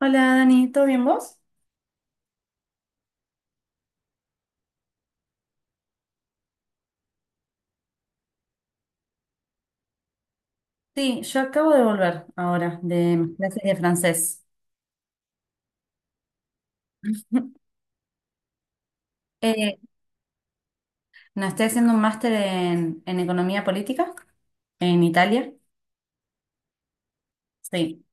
Hola Dani, ¿todo bien vos? Sí, yo acabo de volver ahora de mis clases de francés. Eh, no, estoy haciendo un máster en economía política en Italia. Sí,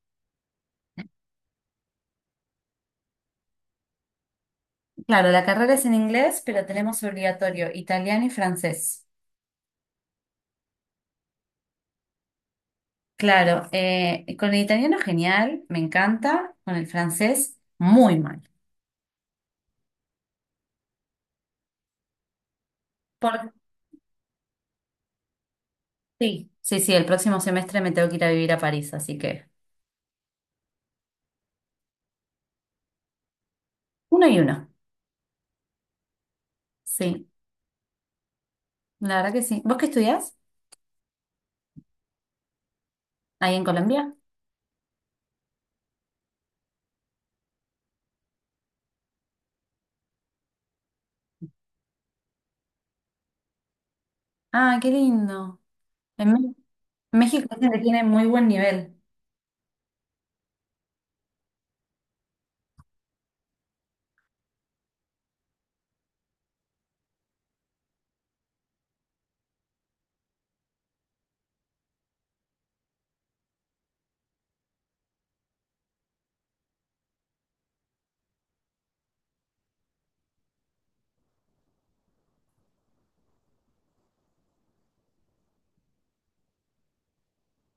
claro, la carrera es en inglés, pero tenemos obligatorio italiano y francés. Claro, con el italiano genial, me encanta, con el francés muy mal. Por... Sí, sí, sí, el próximo semestre me tengo que ir a vivir a París, así que uno y uno. Sí, la verdad que sí. ¿Vos qué estudiás ahí en Colombia? Ah, qué lindo. En Mé- México dicen que tiene muy buen nivel.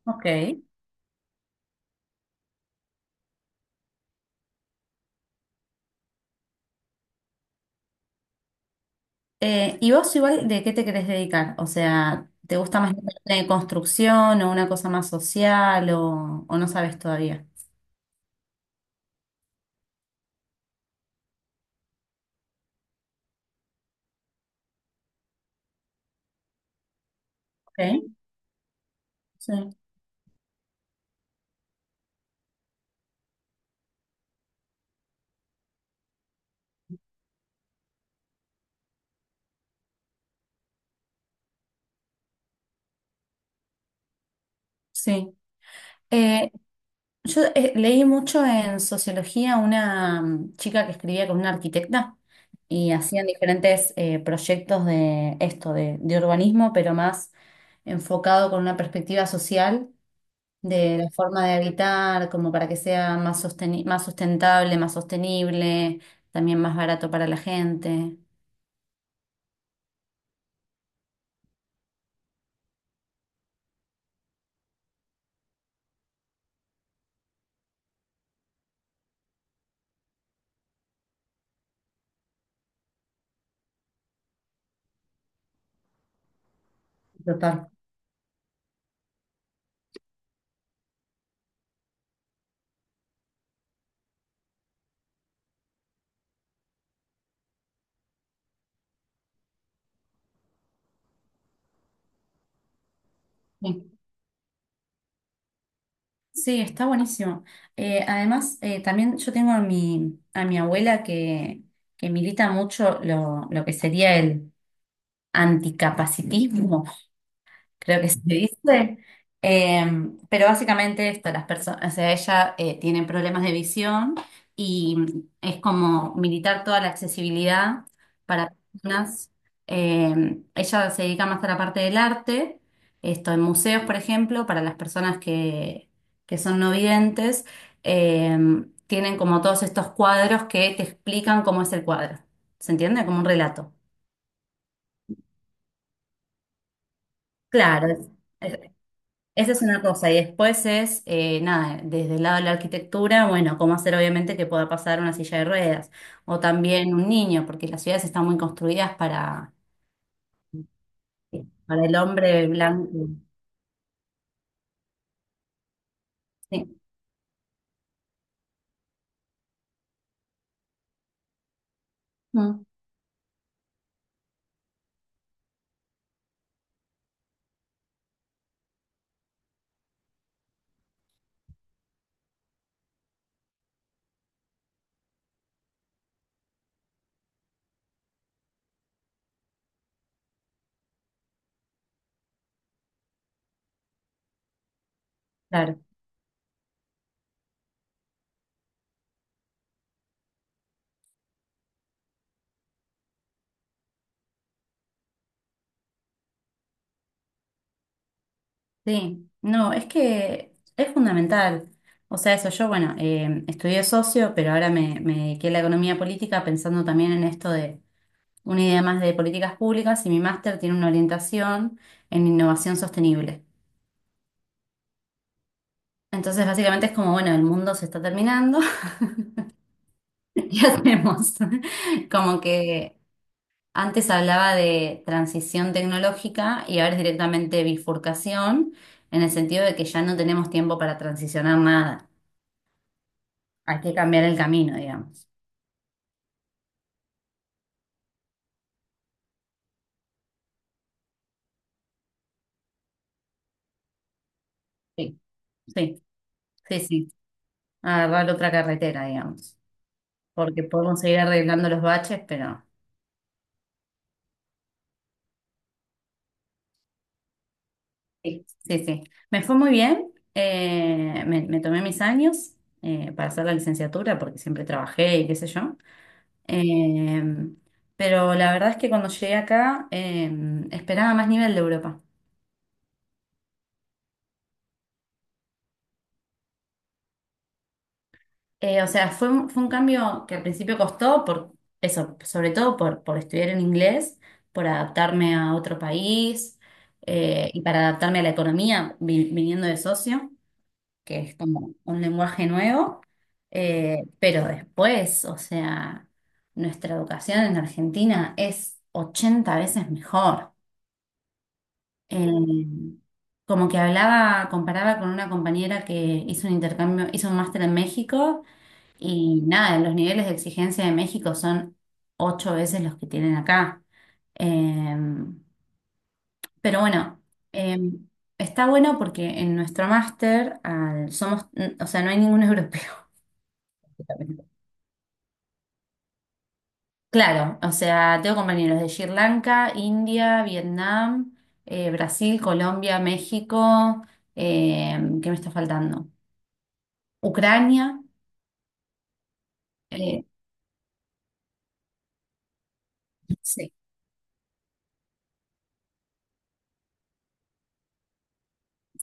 Ok. ¿Y vos igual de qué te querés dedicar? O sea, ¿te gusta más la parte de construcción o una cosa más social o no sabes todavía? Ok, sí, sí. Eh, yo leí mucho en sociología una chica que escribía con una arquitecta y hacían diferentes proyectos de esto, de urbanismo, pero más enfocado con una perspectiva social de la forma de habitar, como para que sea más más sustentable, más sostenible, también más barato para la gente. Total. Sí, sí, está buenísimo. Además, también yo tengo a a mi abuela que milita mucho lo que sería el anticapacitismo, creo que se dice. Em, pero básicamente esto, las personas, o sea, ella tiene problemas de visión y es como militar toda la accesibilidad para personas. Em, ella se dedica más a la parte del arte, esto en museos, por ejemplo, para las personas que son no videntes, em, tienen como todos estos cuadros que te explican cómo es el cuadro. ¿Se entiende? Como un relato. Claro, es- esa es una cosa, y después es, nada, desde el lado de la arquitectura, bueno, cómo hacer obviamente que pueda pasar una silla de ruedas, o también un niño, porque las ciudades están muy construidas para el hombre blanco. Sí, mm, claro, sí. No, es que es fundamental. O sea, eso, yo, bueno, estudié socio, pero ahora me, me dediqué a la economía política pensando también en esto de una idea más de políticas públicas, y mi máster tiene una orientación en innovación sostenible. Entonces, básicamente es como, bueno, el mundo se está terminando y hacemos como que antes hablaba de transición tecnológica y ahora es directamente bifurcación, en el sentido de que ya no tenemos tiempo para transicionar nada. Hay que cambiar el camino, digamos. Sí, sí, sí, sí. Agarrar otra carretera, digamos. Porque podemos seguir arreglando los baches, pero sí, sí, sí. Me fue muy bien. Me tomé mis años para hacer la licenciatura porque siempre trabajé y qué sé yo. Em, pero la verdad es que cuando llegué acá em, esperaba más nivel de Europa. Fue un, fue un cambio que al principio costó por eso, sobre todo por estudiar en inglés, por adaptarme a otro país y para adaptarme a la economía viniendo de socio, que es como un lenguaje nuevo. Pero después, o sea, nuestra educación en Argentina es 80 veces mejor. Eh, Como que hablaba, comparaba con una compañera que hizo un intercambio, hizo un máster en México y nada, los niveles de exigencia de México son ocho veces los que tienen acá. Eh, pero bueno, eh, está bueno porque en nuestro máster somos, o sea, no hay ningún europeo. Claro, o sea, tengo compañeros de Sri Lanka, India, Vietnam, Brasil, Colombia, México, ¿qué me está faltando? Ucrania, eh, sí,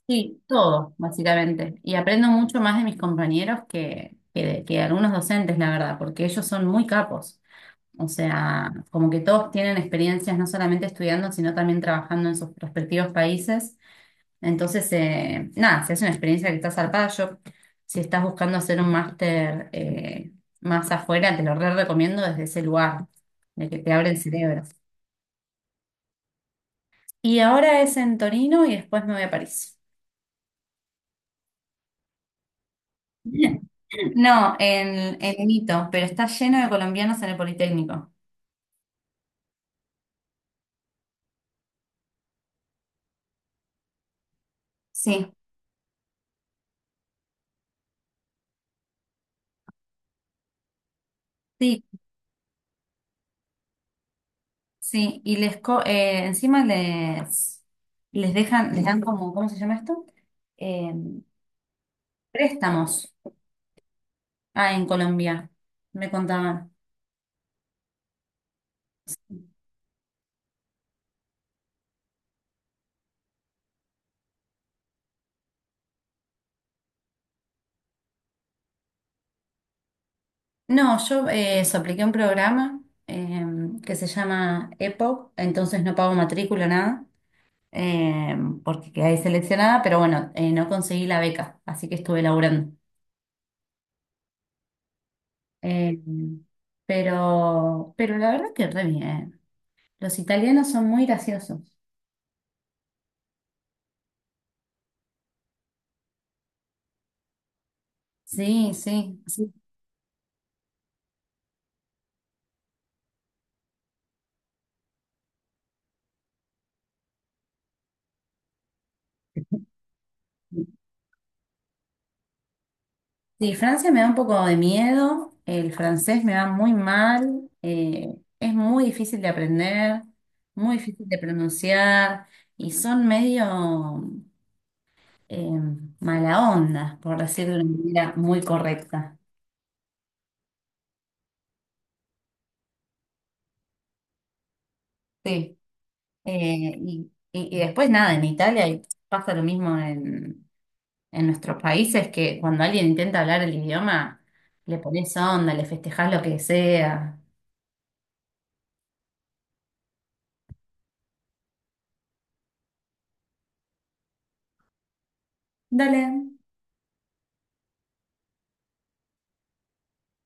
sí, todo, básicamente. Y aprendo mucho más de mis compañeros que de algunos docentes, la verdad, porque ellos son muy capos. O sea, como que todos tienen experiencias no solamente estudiando, sino también trabajando en sus respectivos países. Entonces, nada, si es una experiencia que está zarpada, yo, si estás buscando hacer un máster más afuera, te lo re recomiendo desde ese lugar, de que te abre el cerebro. Y ahora es en Torino y después me voy a París. No, en Mito, pero está lleno de colombianos en el Politécnico. Sí, sí, sí. Y encima les, les dejan, les dan como, ¿cómo se llama esto? Eh, préstamos. Ah, en Colombia, me contaban. No, yo eso, apliqué un programa eh, que se llama EPOC, entonces no pago matrícula, nada, eh, porque quedé seleccionada, pero bueno, no conseguí la beca, así que estuve laburando. Eh, pero la verdad que re bien. Los italianos son muy graciosos. Sí, sí, sí. Sí, Francia me da un poco de miedo. El francés me va muy mal. Es muy difícil de aprender, muy difícil de pronunciar y son medio eh, mala onda, por decirlo de una manera muy correcta. Sí. Y después nada, en Italia y pasa lo mismo en nuestros países que cuando alguien intenta hablar el idioma, le pones onda, le festejás lo que sea. Dale.